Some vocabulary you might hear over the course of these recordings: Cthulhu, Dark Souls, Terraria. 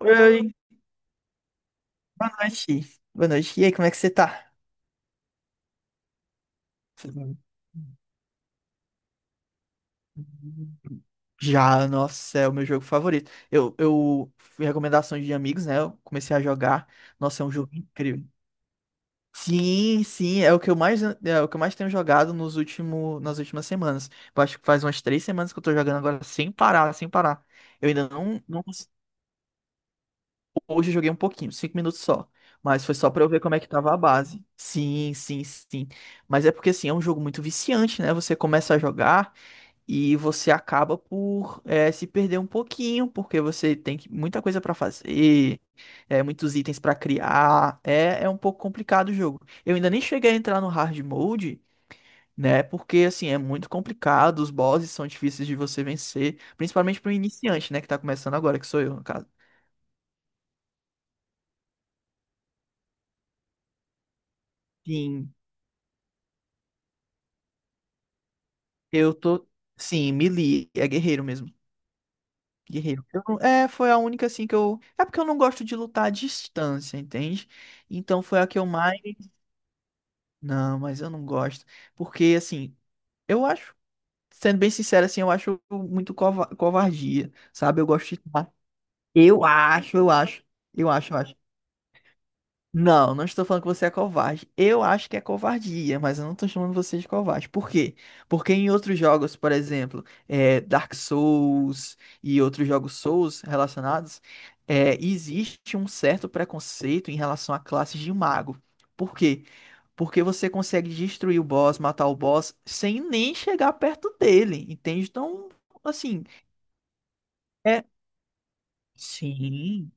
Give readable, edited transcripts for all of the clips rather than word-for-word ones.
Oi, boa noite. Boa noite. E aí, como é que você tá? Tudo bem? Já, nossa, é o meu jogo favorito. Eu fui recomendação de amigos, né? Eu comecei a jogar. Nossa, é um jogo incrível. Sim, sim, é o que eu mais, é o que eu mais tenho jogado nos último, nas últimas semanas. Eu acho que faz umas 3 semanas que eu tô jogando agora sem parar, sem parar. Eu ainda não, não, hoje eu joguei um pouquinho, 5 minutos só. Mas foi só pra eu ver como é que tava a base. Sim, sim, sim. Mas é porque assim, é um jogo muito viciante, né? Você começa a jogar e você acaba por se perder um pouquinho, porque você tem que- muita coisa pra fazer, é, muitos itens pra criar. É, é um pouco complicado o jogo. Eu ainda nem cheguei a entrar no hard mode, né? Porque assim, é muito complicado, os bosses são difíceis de você vencer, principalmente pro iniciante, né? Que tá começando agora, que sou eu, no caso. Sim. Eu tô. Sim, melee. É guerreiro mesmo. Guerreiro. Eu não- é, foi a única assim que eu. É porque eu não gosto de lutar à distância, entende? Então foi a que eu mais. Não, mas eu não gosto. Porque, assim, eu acho. Sendo bem sincero, assim, eu acho muito cova- covardia, sabe? Eu gosto de. Eu acho, eu acho. Eu acho, eu acho. Não, não estou falando que você é covarde. Eu acho que é covardia, mas eu não estou chamando você de covarde. Por quê? Porque em outros jogos, por exemplo, é, Dark Souls e outros jogos Souls relacionados, é, existe um certo preconceito em relação à classe de mago. Por quê? Porque você consegue destruir o boss, matar o boss, sem nem chegar perto dele, entende? Então, assim, é. Sim.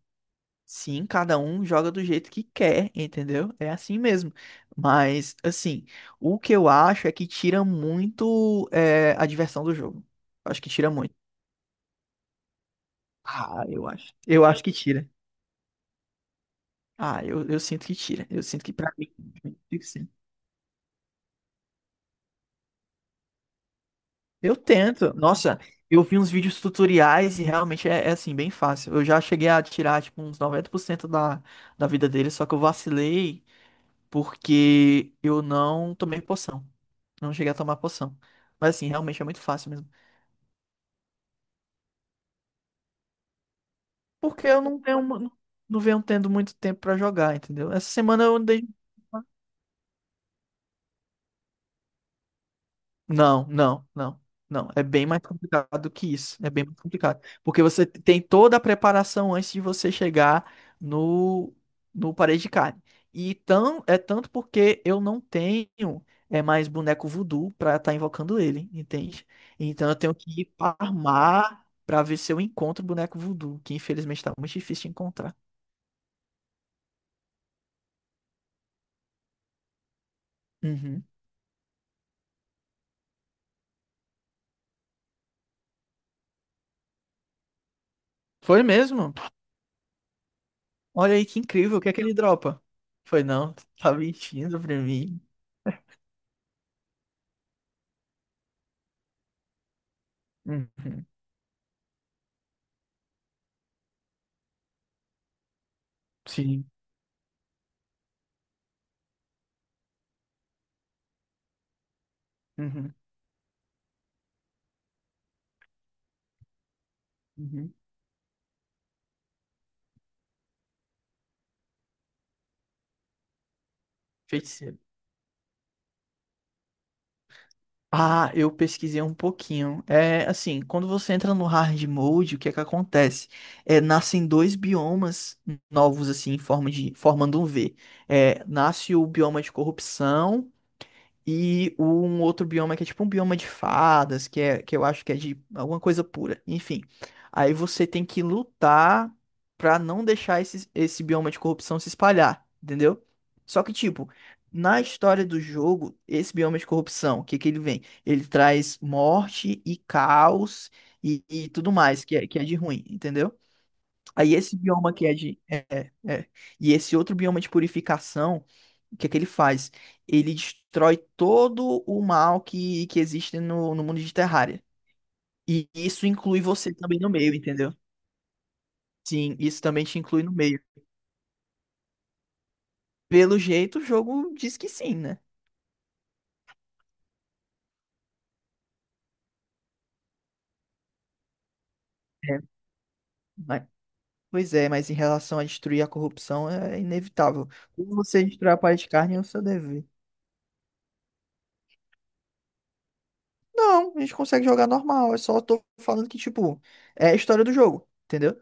Sim, cada um joga do jeito que quer, entendeu? É assim mesmo. Mas, assim, o que eu acho é que tira muito é, a diversão do jogo. Acho que tira muito. Ah, eu acho. Eu acho que tira. Ah, eu sinto que tira. Eu sinto que pra mim, eu sinto que sim. Eu tento. Nossa, eu vi uns vídeos tutoriais e realmente é, é, assim, bem fácil. Eu já cheguei a tirar, tipo, uns 90% da, da vida dele, só que eu vacilei porque eu não tomei poção. Não cheguei a tomar poção. Mas assim, realmente é muito fácil mesmo. Porque eu não tenho, mu- não venho tendo muito tempo pra jogar, entendeu? Essa semana eu andei não, não, não, não. É bem mais complicado do que isso. É bem mais complicado. Porque você tem toda a preparação antes de você chegar no, no parede de carne. E tão, é tanto porque eu não tenho é mais boneco voodoo pra estar invocando ele, entende? Então eu tenho que ir pra armar pra ver se eu encontro o boneco voodoo, que infelizmente tá muito difícil de encontrar. Uhum. Foi mesmo? Olha aí que incrível. O que é que ele dropa? Foi não, tá mentindo pra mim. Uhum. Sim. Uhum, uhum. Feiticeiro. Ah, eu pesquisei um pouquinho. É assim, quando você entra no hard mode, o que é que acontece? É, nascem dois biomas novos, assim, em forma de, formando um V. É, nasce o bioma de corrupção. E um outro bioma que é tipo um bioma de fadas, que, é, que eu acho que é de alguma coisa pura. Enfim. Aí você tem que lutar pra não deixar esse, esse bioma de corrupção se espalhar, entendeu? Só que, tipo, na história do jogo, esse bioma de corrupção, o que que ele vem? Ele traz morte e caos e tudo mais, que é de ruim, entendeu? Aí esse bioma que é de. É, é. É. E esse outro bioma de purificação, o que é que ele faz? Ele destrói todo o mal que existe no, no mundo de Terraria. E isso inclui você também no meio, entendeu? Sim, isso também te inclui no meio. Pelo jeito, o jogo diz que sim, né? É, mas- pois é, mas em relação a destruir a corrupção é inevitável. Como você destruir a parede de carne, é o seu dever. Não, a gente consegue jogar normal. Eu só tô falando que, tipo, é a história do jogo, entendeu?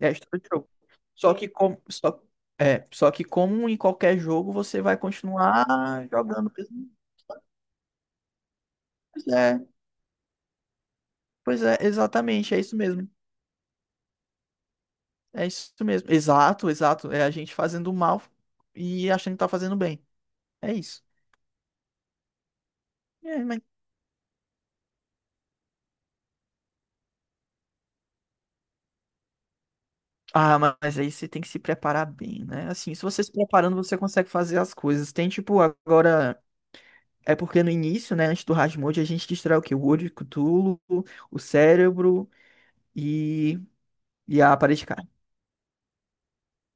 É a história do jogo. Só que como, só, é, só que como em qualquer jogo, você vai continuar jogando. Pois é, pois é, exatamente, é isso mesmo. É isso mesmo. Exato, exato. É a gente fazendo mal e achando que tá fazendo bem. É isso. É, mas- ah, ma- mas aí você tem que se preparar bem, né? Assim, se você se preparando, você consegue fazer as coisas. Tem tipo, agora. É porque no início, né, antes do Rasmode, a gente destrói o quê? O olho, o Cthulhu, o cérebro e, e a parede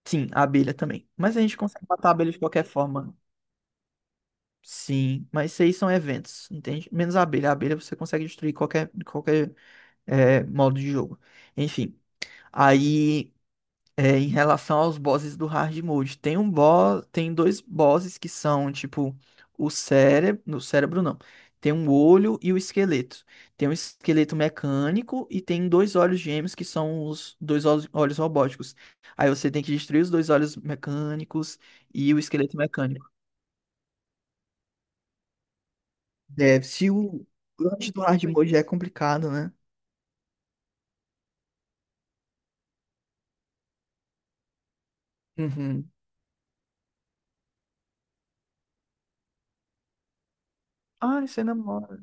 sim, a abelha também. Mas a gente consegue matar a abelha de qualquer forma. Sim, mas isso aí são eventos, entende? Menos a abelha. A abelha você consegue destruir qualquer, qualquer é, modo de jogo. Enfim, aí é, em relação aos bosses do hard mode, tem um boss, tem dois bosses que são tipo o cérebro, no cérebro não. Tem um olho e o esqueleto. Tem um esqueleto mecânico e tem dois olhos gêmeos que são os dois olhos olhos robóticos. Aí você tem que destruir os dois olhos mecânicos e o esqueleto mecânico. Deve. Se o antes do hard mode é complicado, né? Uhum. Ah, você namora.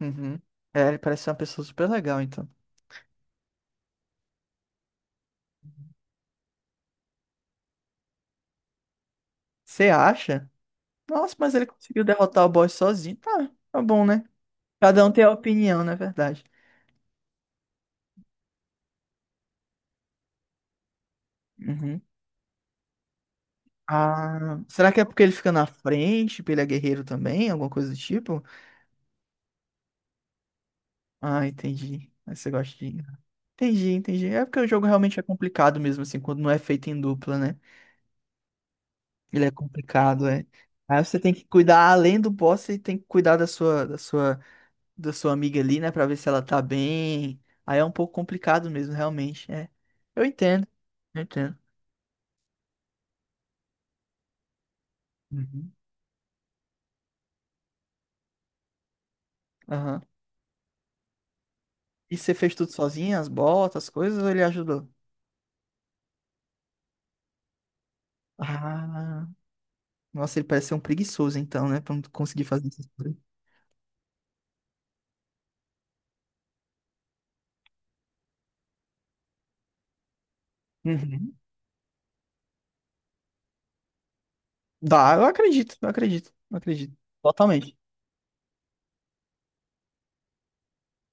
Uhum. É, ele parece ser uma pessoa super legal, então. Você acha? Nossa, mas ele conseguiu derrotar o boss sozinho. Tá, tá bom, né? Cada um tem a opinião, na verdade. Uhum. Ah, será que é porque ele fica na frente, porque ele é guerreiro também, alguma coisa do tipo? Ah, entendi. Aí você gosta de. Entendi, entendi. É porque o jogo realmente é complicado mesmo, assim, quando não é feito em dupla, né? Ele é complicado, é. Aí você tem que cuidar além do boss, você tem que cuidar da sua, da sua, da sua amiga ali, né, pra ver se ela tá bem. Aí é um pouco complicado mesmo, realmente. É. Eu entendo, eu entendo. Uhum. Aham. E você fez tudo sozinha, as botas, as coisas, ou ele ajudou? Ah, nossa, ele parece ser um preguiçoso então, né? Pra não conseguir fazer essas coisas. Uhum. Dá, eu acredito, eu acredito, eu acredito. Totalmente.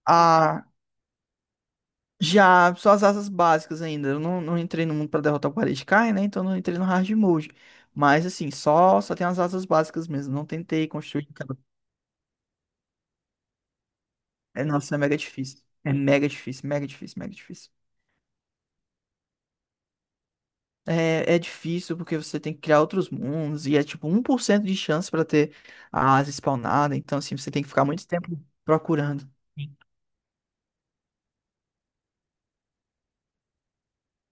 Ah, já, só as asas básicas ainda. Eu não entrei no mundo pra derrotar o Paredkai, né? Então não entrei no hard mode. Mas assim, só tem as asas básicas mesmo. Não tentei construir cada. É, nossa, é mega difícil. É mega difícil, mega difícil, mega difícil. É, é difícil porque você tem que criar outros mundos e é tipo 1% de chance pra ter a asa spawnada, então assim, você tem que ficar muito tempo procurando.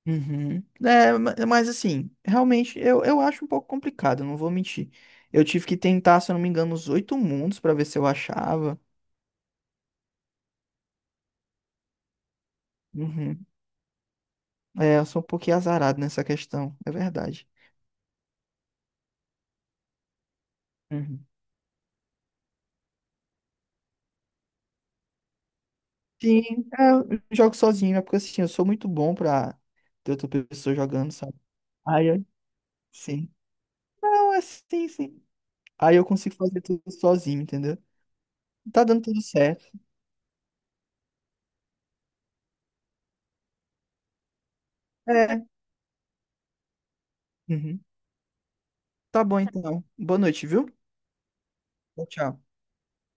Uhum. É, ma- mas assim, realmente eu acho um pouco complicado, não vou mentir. Eu tive que tentar, se eu não me engano, os oito mundos pra ver se eu achava. Uhum. É, eu sou um pouquinho azarado nessa questão, é verdade. Uhum. Sim, é, eu jogo sozinho, é porque assim, eu sou muito bom pra ter outra pessoa jogando, sabe? Ai, ai. Sim. Não, é sim, sim. Aí eu consigo fazer tudo sozinho, entendeu? Tá dando tudo certo. É. Uhum. Tá bom então. Boa noite, viu? Tchau, tchau.